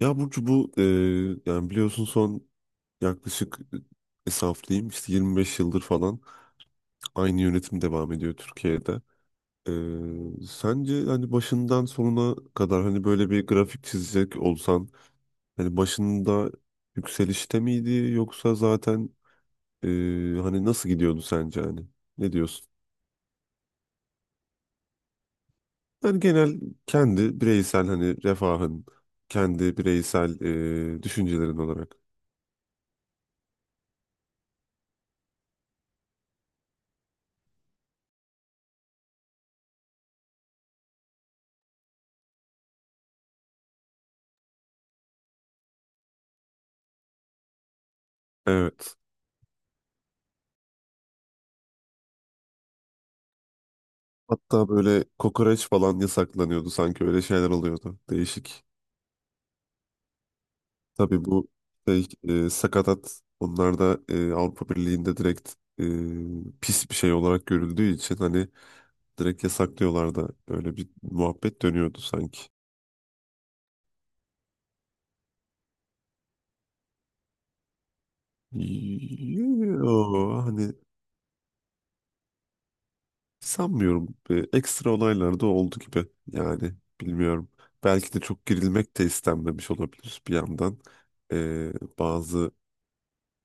Ya Burcu bu yani biliyorsun son yaklaşık hesaplayayım işte 25 yıldır falan aynı yönetim devam ediyor Türkiye'de. E, Sence hani başından sonuna kadar hani böyle bir grafik çizecek olsan hani başında yükselişte miydi yoksa zaten e, hani nasıl gidiyordu sence hani ne diyorsun? Yani genel kendi bireysel hani refahın kendi bireysel düşüncelerin olarak. Evet. Hatta böyle kokoreç falan yasaklanıyordu sanki öyle şeyler oluyordu. Değişik. Tabii bu şey, sakatat onlar da Avrupa Birliği'nde direkt e, pis bir şey olarak görüldüğü için hani direkt yasaklıyorlar da öyle bir muhabbet dönüyordu sanki. Yo, hani sanmıyorum. Ekstra olaylar da oldu gibi yani bilmiyorum. Belki de çok girilmek de istenmemiş olabilir bir yandan. E, Bazı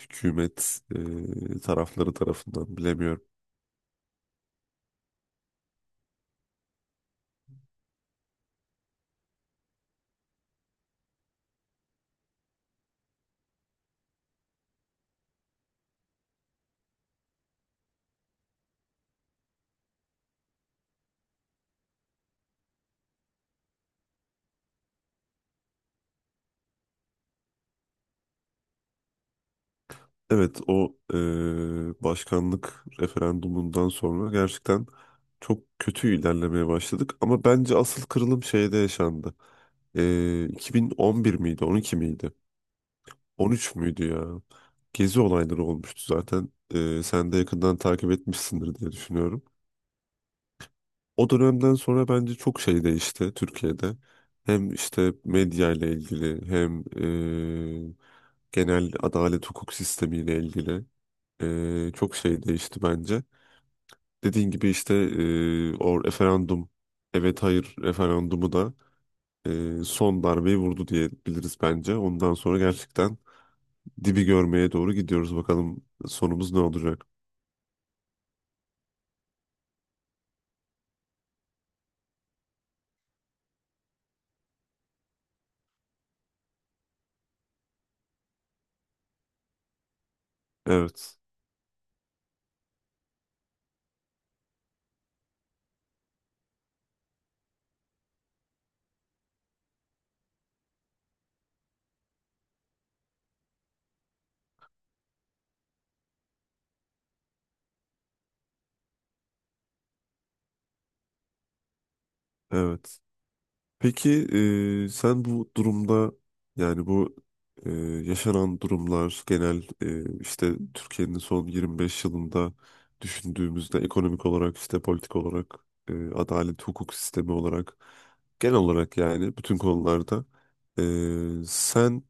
hükümet tarafları tarafından bilemiyorum. Evet, o başkanlık referandumundan sonra gerçekten çok kötü ilerlemeye başladık. Ama bence asıl kırılım şeyde yaşandı. 2011 miydi 12 miydi 13 müydü ya? Gezi olayları olmuştu zaten. Sen de yakından takip etmişsindir diye düşünüyorum. O dönemden sonra bence çok şey değişti Türkiye'de. Hem işte medya ile ilgili hem e, genel adalet hukuk sistemi ile ilgili çok şey değişti bence. Dediğin gibi işte o referandum, evet hayır referandumu da son darbeyi vurdu diyebiliriz bence. Ondan sonra gerçekten dibi görmeye doğru gidiyoruz. Bakalım sonumuz ne olacak? Evet. Evet. Peki, sen bu durumda yani bu e, yaşanan durumlar genel işte Türkiye'nin son 25 yılında düşündüğümüzde ekonomik olarak işte politik olarak adalet hukuk sistemi olarak genel olarak yani bütün konularda sen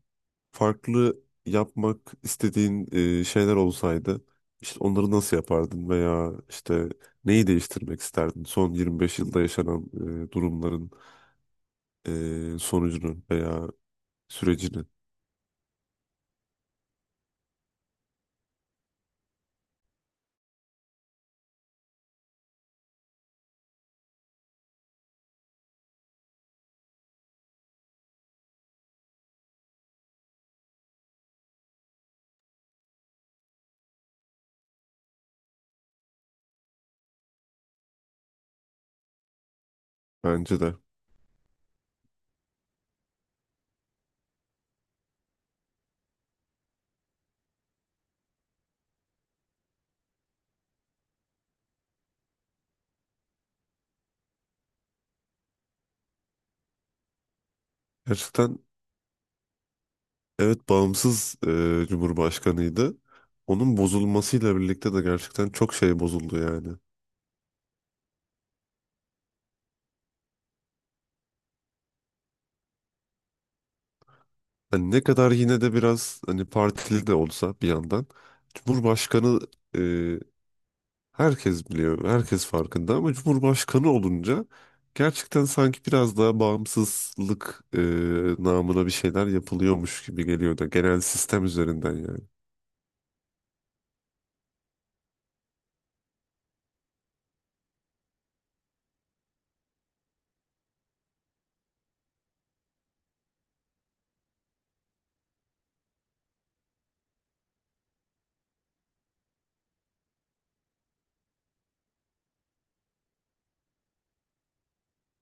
farklı yapmak istediğin şeyler olsaydı işte onları nasıl yapardın veya işte neyi değiştirmek isterdin son 25 yılda yaşanan durumların sonucunu veya sürecini bence de. Gerçekten, evet, bağımsız Cumhurbaşkanıydı. Onun bozulmasıyla birlikte de gerçekten çok şey bozuldu yani. Hani ne kadar yine de biraz hani partili de olsa bir yandan Cumhurbaşkanı e, herkes biliyor, herkes farkında ama Cumhurbaşkanı olunca gerçekten sanki biraz daha bağımsızlık namına bir şeyler yapılıyormuş gibi geliyor da genel sistem üzerinden yani.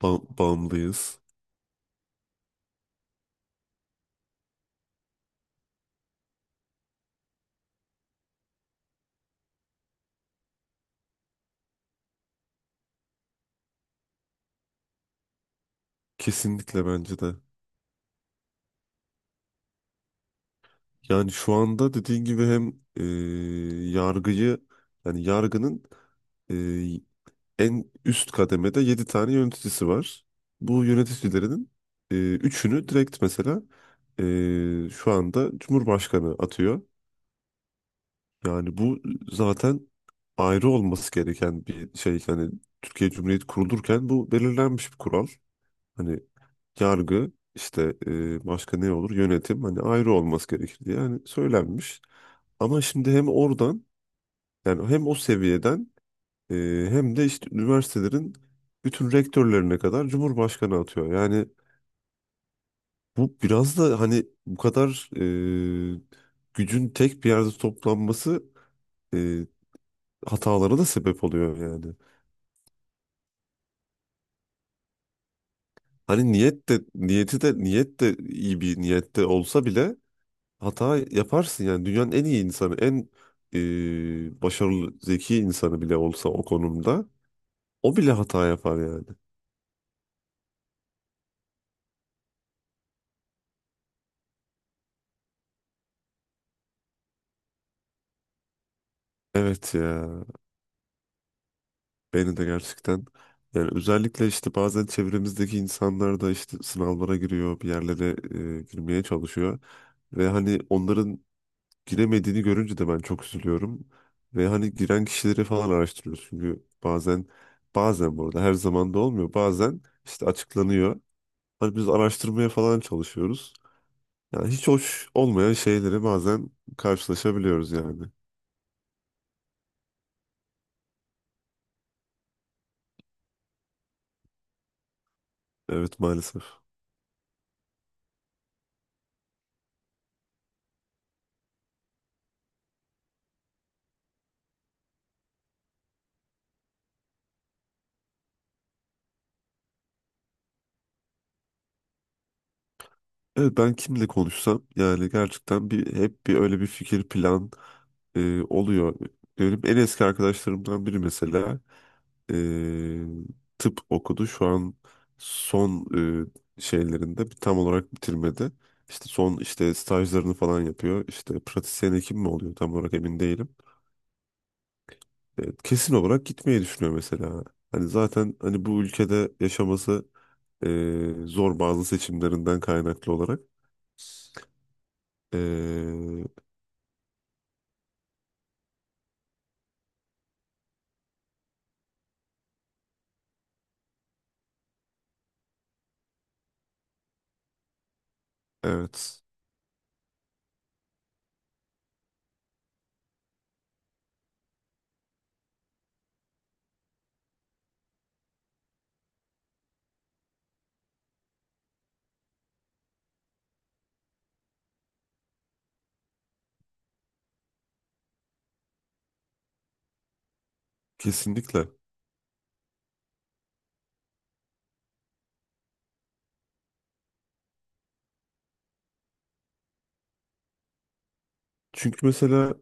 Bağımlıyız. Kesinlikle bence de. Yani şu anda dediğin gibi hem yargıyı yani yargının e, en üst kademede 7 tane yöneticisi var. Bu yöneticilerinin üçünü direkt mesela şu anda Cumhurbaşkanı atıyor. Yani bu zaten ayrı olması gereken bir şey. Yani Türkiye Cumhuriyeti kurulurken bu belirlenmiş bir kural. Hani yargı işte başka ne olur yönetim hani ayrı olması gerekir diye yani söylenmiş. Ama şimdi hem oradan yani hem o seviyeden e, hem de işte üniversitelerin bütün rektörlerine kadar Cumhurbaşkanı atıyor. Yani bu biraz da hani bu kadar e, gücün tek bir yerde toplanması e, hatalara da sebep oluyor yani. Hani niyet de iyi bir niyette olsa bile hata yaparsın yani. Dünyanın en iyi insanı, en başarılı, zeki insanı bile olsa o konumda o bile hata yapar yani. Evet ya, beni de gerçekten, yani özellikle işte bazen çevremizdeki insanlar da işte sınavlara giriyor, bir yerlere girmeye çalışıyor ve hani onların giremediğini görünce de ben çok üzülüyorum ve hani giren kişileri falan araştırıyoruz çünkü bazen burada her zaman da olmuyor, bazen işte açıklanıyor. Hani biz araştırmaya falan çalışıyoruz. Yani hiç hoş olmayan şeyleri bazen karşılaşabiliyoruz yani. Evet maalesef. Evet, ben kimle konuşsam yani gerçekten bir hep bir öyle bir fikir plan oluyor. Benim en eski arkadaşlarımdan biri mesela e, tıp okudu. Şu an son şeylerinde bir tam olarak bitirmedi. İşte son işte stajlarını falan yapıyor. İşte pratisyen hekim mi oluyor tam olarak emin değilim. Kesin olarak gitmeyi düşünüyor mesela. Hani zaten hani bu ülkede yaşaması zor bazı seçimlerinden kaynaklı olarak. Ee, evet, kesinlikle. Çünkü mesela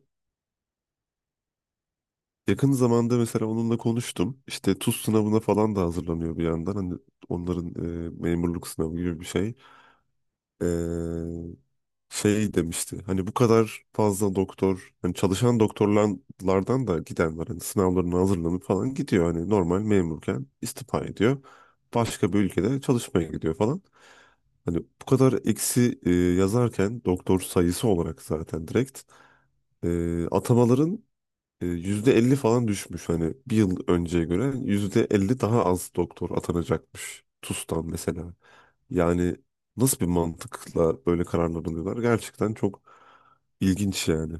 yakın zamanda mesela onunla konuştum. İşte TUS sınavına falan da hazırlanıyor bir yandan. Hani onların memurluk sınavı gibi bir şey. Ee, Şey demişti. Hani bu kadar fazla doktor, hani çalışan doktorlardan da giden var. Hani sınavlarına hazırlanıp falan gidiyor. Hani normal memurken istifa ediyor. Başka bir ülkede çalışmaya gidiyor falan. Hani bu kadar eksi yazarken doktor sayısı olarak zaten direkt atamaların %50 falan düşmüş. Hani bir yıl önceye göre %50 daha az doktor atanacakmış. TUS'tan mesela. Yani nasıl bir mantıkla böyle kararlar alıyorlar? Gerçekten çok ilginç yani.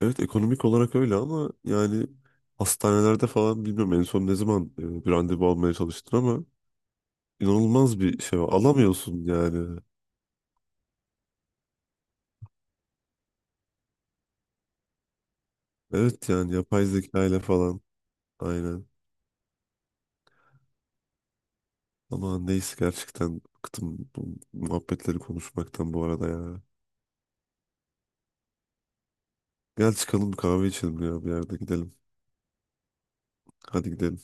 Evet, ekonomik olarak öyle ama yani hastanelerde falan bilmiyorum en son ne zaman bir randevu almaya çalıştın ama inanılmaz bir şey var. Alamıyorsun yani. Evet, yani yapay zeka ile falan aynen. Ama neyse, gerçekten bıktım bu muhabbetleri konuşmaktan bu arada ya. Gel çıkalım bir kahve içelim ya, bir yerde gidelim. Hadi gidelim.